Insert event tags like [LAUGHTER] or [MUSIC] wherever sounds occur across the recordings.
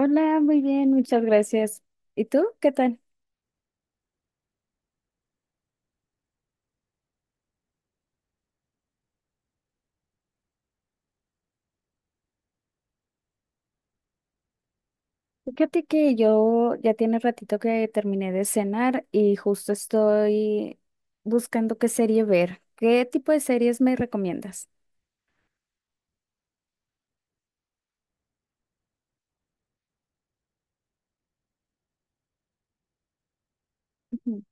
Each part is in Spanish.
Hola, muy bien, muchas gracias. ¿Y tú? ¿Qué tal? Fíjate que yo ya tiene ratito que terminé de cenar y justo estoy buscando qué serie ver. ¿Qué tipo de series me recomiendas? Ujú.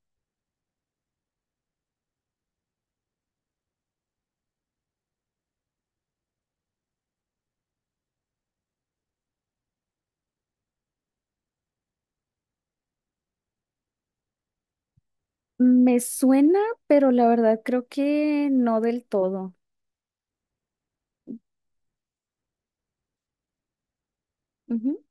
Me suena, pero la verdad creo que no del todo. Ujú.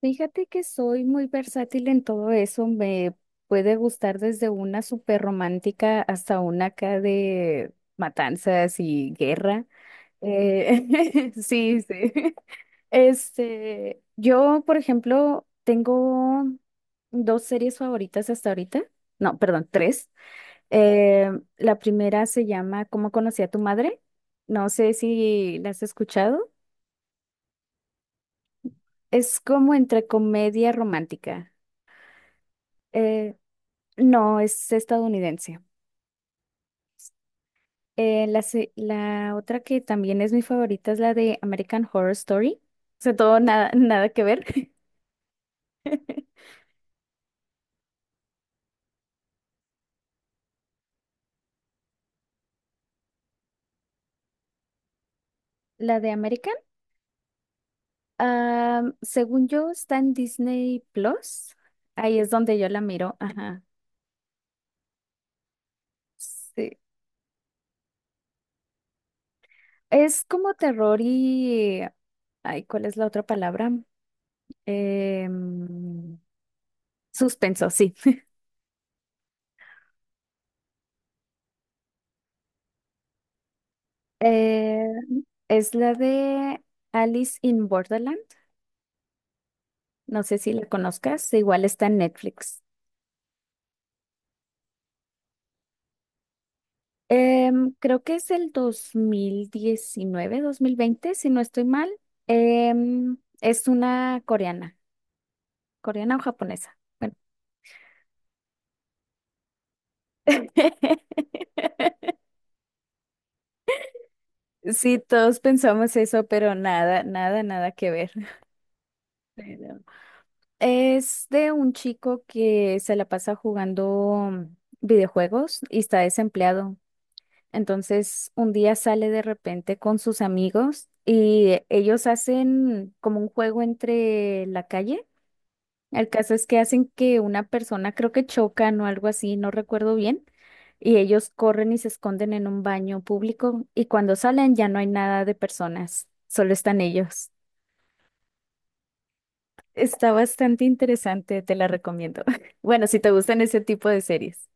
Fíjate que soy muy versátil en todo eso. Me puede gustar desde una súper romántica hasta una acá de matanzas y guerra. [LAUGHS] Sí, sí. Yo, por ejemplo, tengo dos series favoritas hasta ahorita. No, perdón, tres. Eh, la primera se llama ¿Cómo conocí a tu madre? No sé si la has escuchado. Es como entre comedia romántica. Eh, no, es estadounidense. La otra que también es mi favorita es la de American Horror Story. O sea, todo nada, [LAUGHS] nada que ver. [LAUGHS] La de American. Según yo, está en Disney Plus. Ahí es donde yo la miro. Ajá. Sí. Es como terror y... Ay, ¿cuál es la otra palabra? Em, suspenso, sí. [LAUGHS] Eh, es la de Alice in Borderland. No sé si la conozcas. Igual está en Netflix. Creo que es el 2019, 2020, si no estoy mal. Es una coreana. ¿Coreana o japonesa? Bueno. [LAUGHS] Sí, todos pensamos eso, pero nada, nada, nada que ver. Pero es de un chico que se la pasa jugando videojuegos y está desempleado. Entonces, un día sale de repente con sus amigos y ellos hacen como un juego entre la calle. El caso es que hacen que una persona, creo que chocan o algo así, no recuerdo bien, y ellos corren y se esconden en un baño público y cuando salen ya no hay nada de personas, solo están ellos. Está bastante interesante, te la recomiendo. [LAUGHS] Bueno, si te gustan ese tipo de series.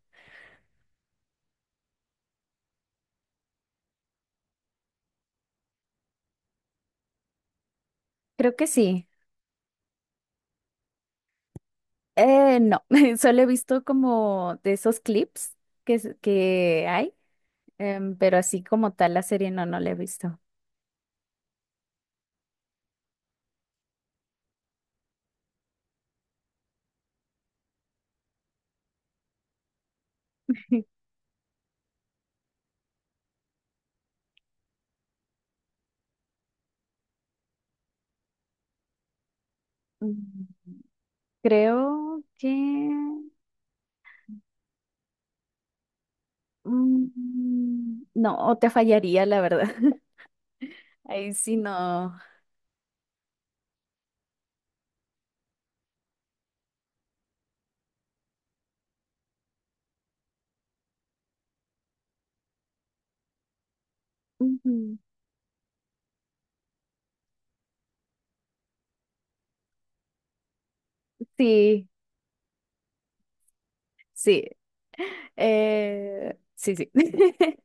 Creo que sí. No, [LAUGHS] solo he visto como de esos clips que hay, pero así como tal la serie no, no la he visto. [LAUGHS] Mm, Creo que No, te fallaría, la verdad. [LAUGHS] Ahí sí no. Ujú. Sí, sí. Sí, sí. [LAUGHS]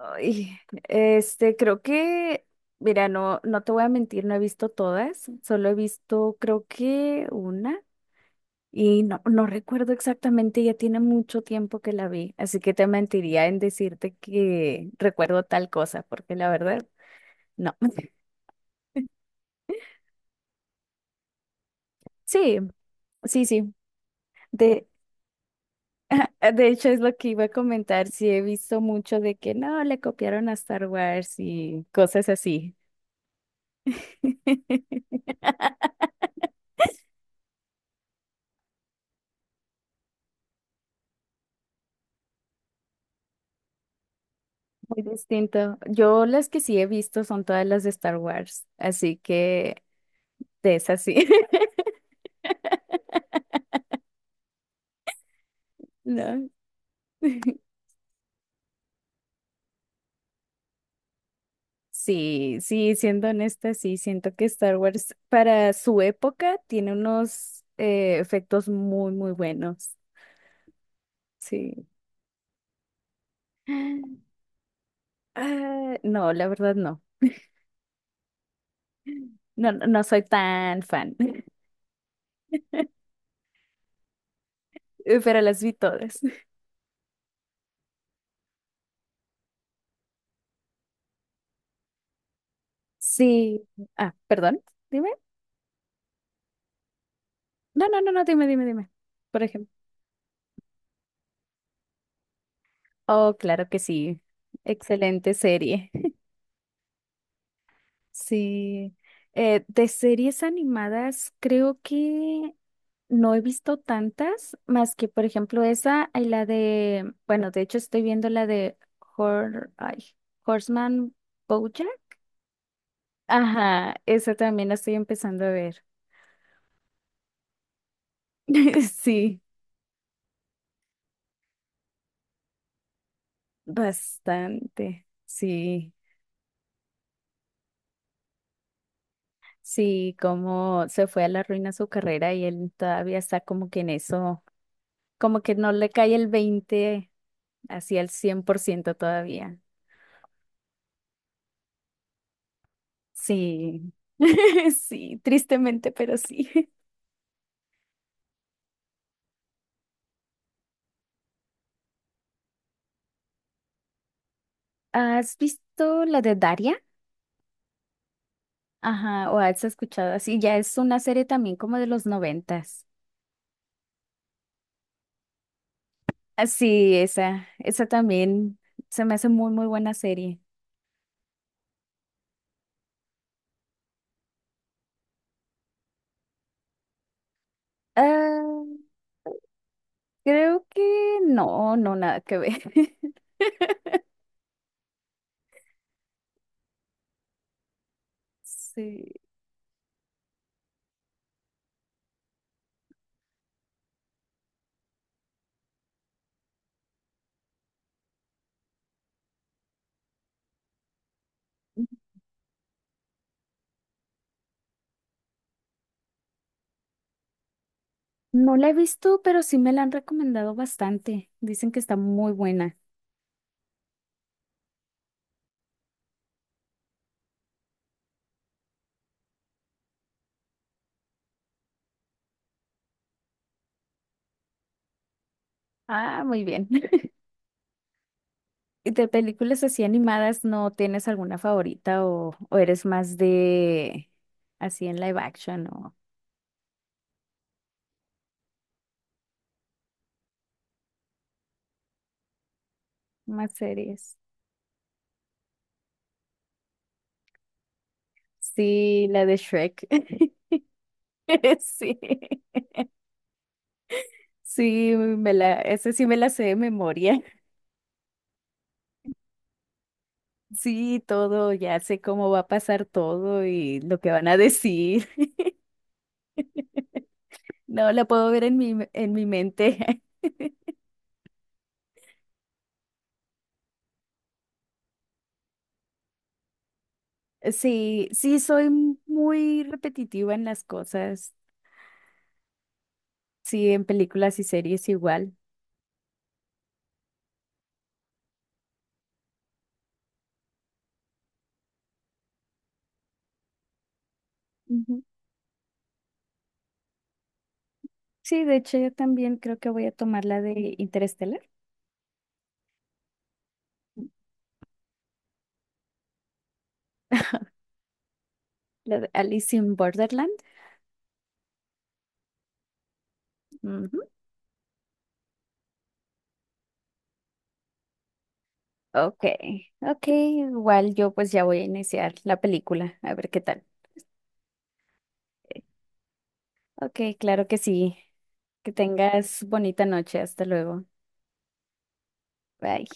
Ay, creo que, mira, no, no te voy a mentir, no he visto todas, solo he visto, creo que una, y no, no recuerdo exactamente, ya tiene mucho tiempo que la vi, así que te mentiría en decirte que recuerdo tal cosa, porque la verdad, no. [LAUGHS] Sí, sí, sí. De, De hecho, es lo que iba a comentar. Sí, he visto mucho de que no, le copiaron a Star Wars y cosas así. [LAUGHS] Muy distinto. Yo las que sí he visto son todas las de Star Wars, así que de esas sí. [LAUGHS] No. [LAUGHS] Sí, sí, siendo honesta, sí, siento que Star Wars para su época tiene unos efectos muy, muy buenos. Sí. [GASPS] Ah, no, la verdad no. No, no soy tan fan. Pero las vi todas. [LAUGHS] Sí. Ah, perdón. Dime. No, no, no, no, dime, dime, dime. Por ejemplo. Oh, claro que sí. Excelente serie. [LAUGHS] Sí. De series animadas, creo que no he visto tantas, más que, por ejemplo, esa y la de, bueno, de hecho estoy viendo la de Hor- ay, Horseman Bojack. Ajá, esa también la estoy empezando a ver. [LAUGHS] Sí, bastante. Sí. Sí, como se fue a la ruina su carrera y él todavía está como que en eso, como que no le cae el 20, hacia el 100% todavía. Sí, [LAUGHS] sí, tristemente, pero sí. ¿Has visto la de Daria? Ajá, o has escuchado así, ya es una serie también como de los 90s. Ah, sí, esa también se me hace muy, muy buena serie. Ah, creo que no, no, nada que ver. [LAUGHS] Sí. No la he visto, pero sí me la han recomendado bastante. Dicen que está muy buena. Ah, muy bien. [LAUGHS] ¿Y de películas así animadas no tienes alguna favorita o eres más de así en live action o más series? Sí, la de Shrek. [LAUGHS] Sí, sí, esa sí me la sé de memoria. [LAUGHS] Sí, todo, ya sé cómo va a pasar todo y lo que van a decir. [LAUGHS] No, la puedo ver en mi mente. Sí, sí, soy muy repetitiva en las cosas. Sí, en películas y series igual. Ujú. Sí, de hecho, yo también creo que voy a tomar la de Interstellar, la de Alice in Borderland. Ujú. Ok, ok, igual yo pues ya voy a iniciar la película, a ver qué tal. Ok, claro que sí. Que tengas bonita noche, hasta luego. Bye.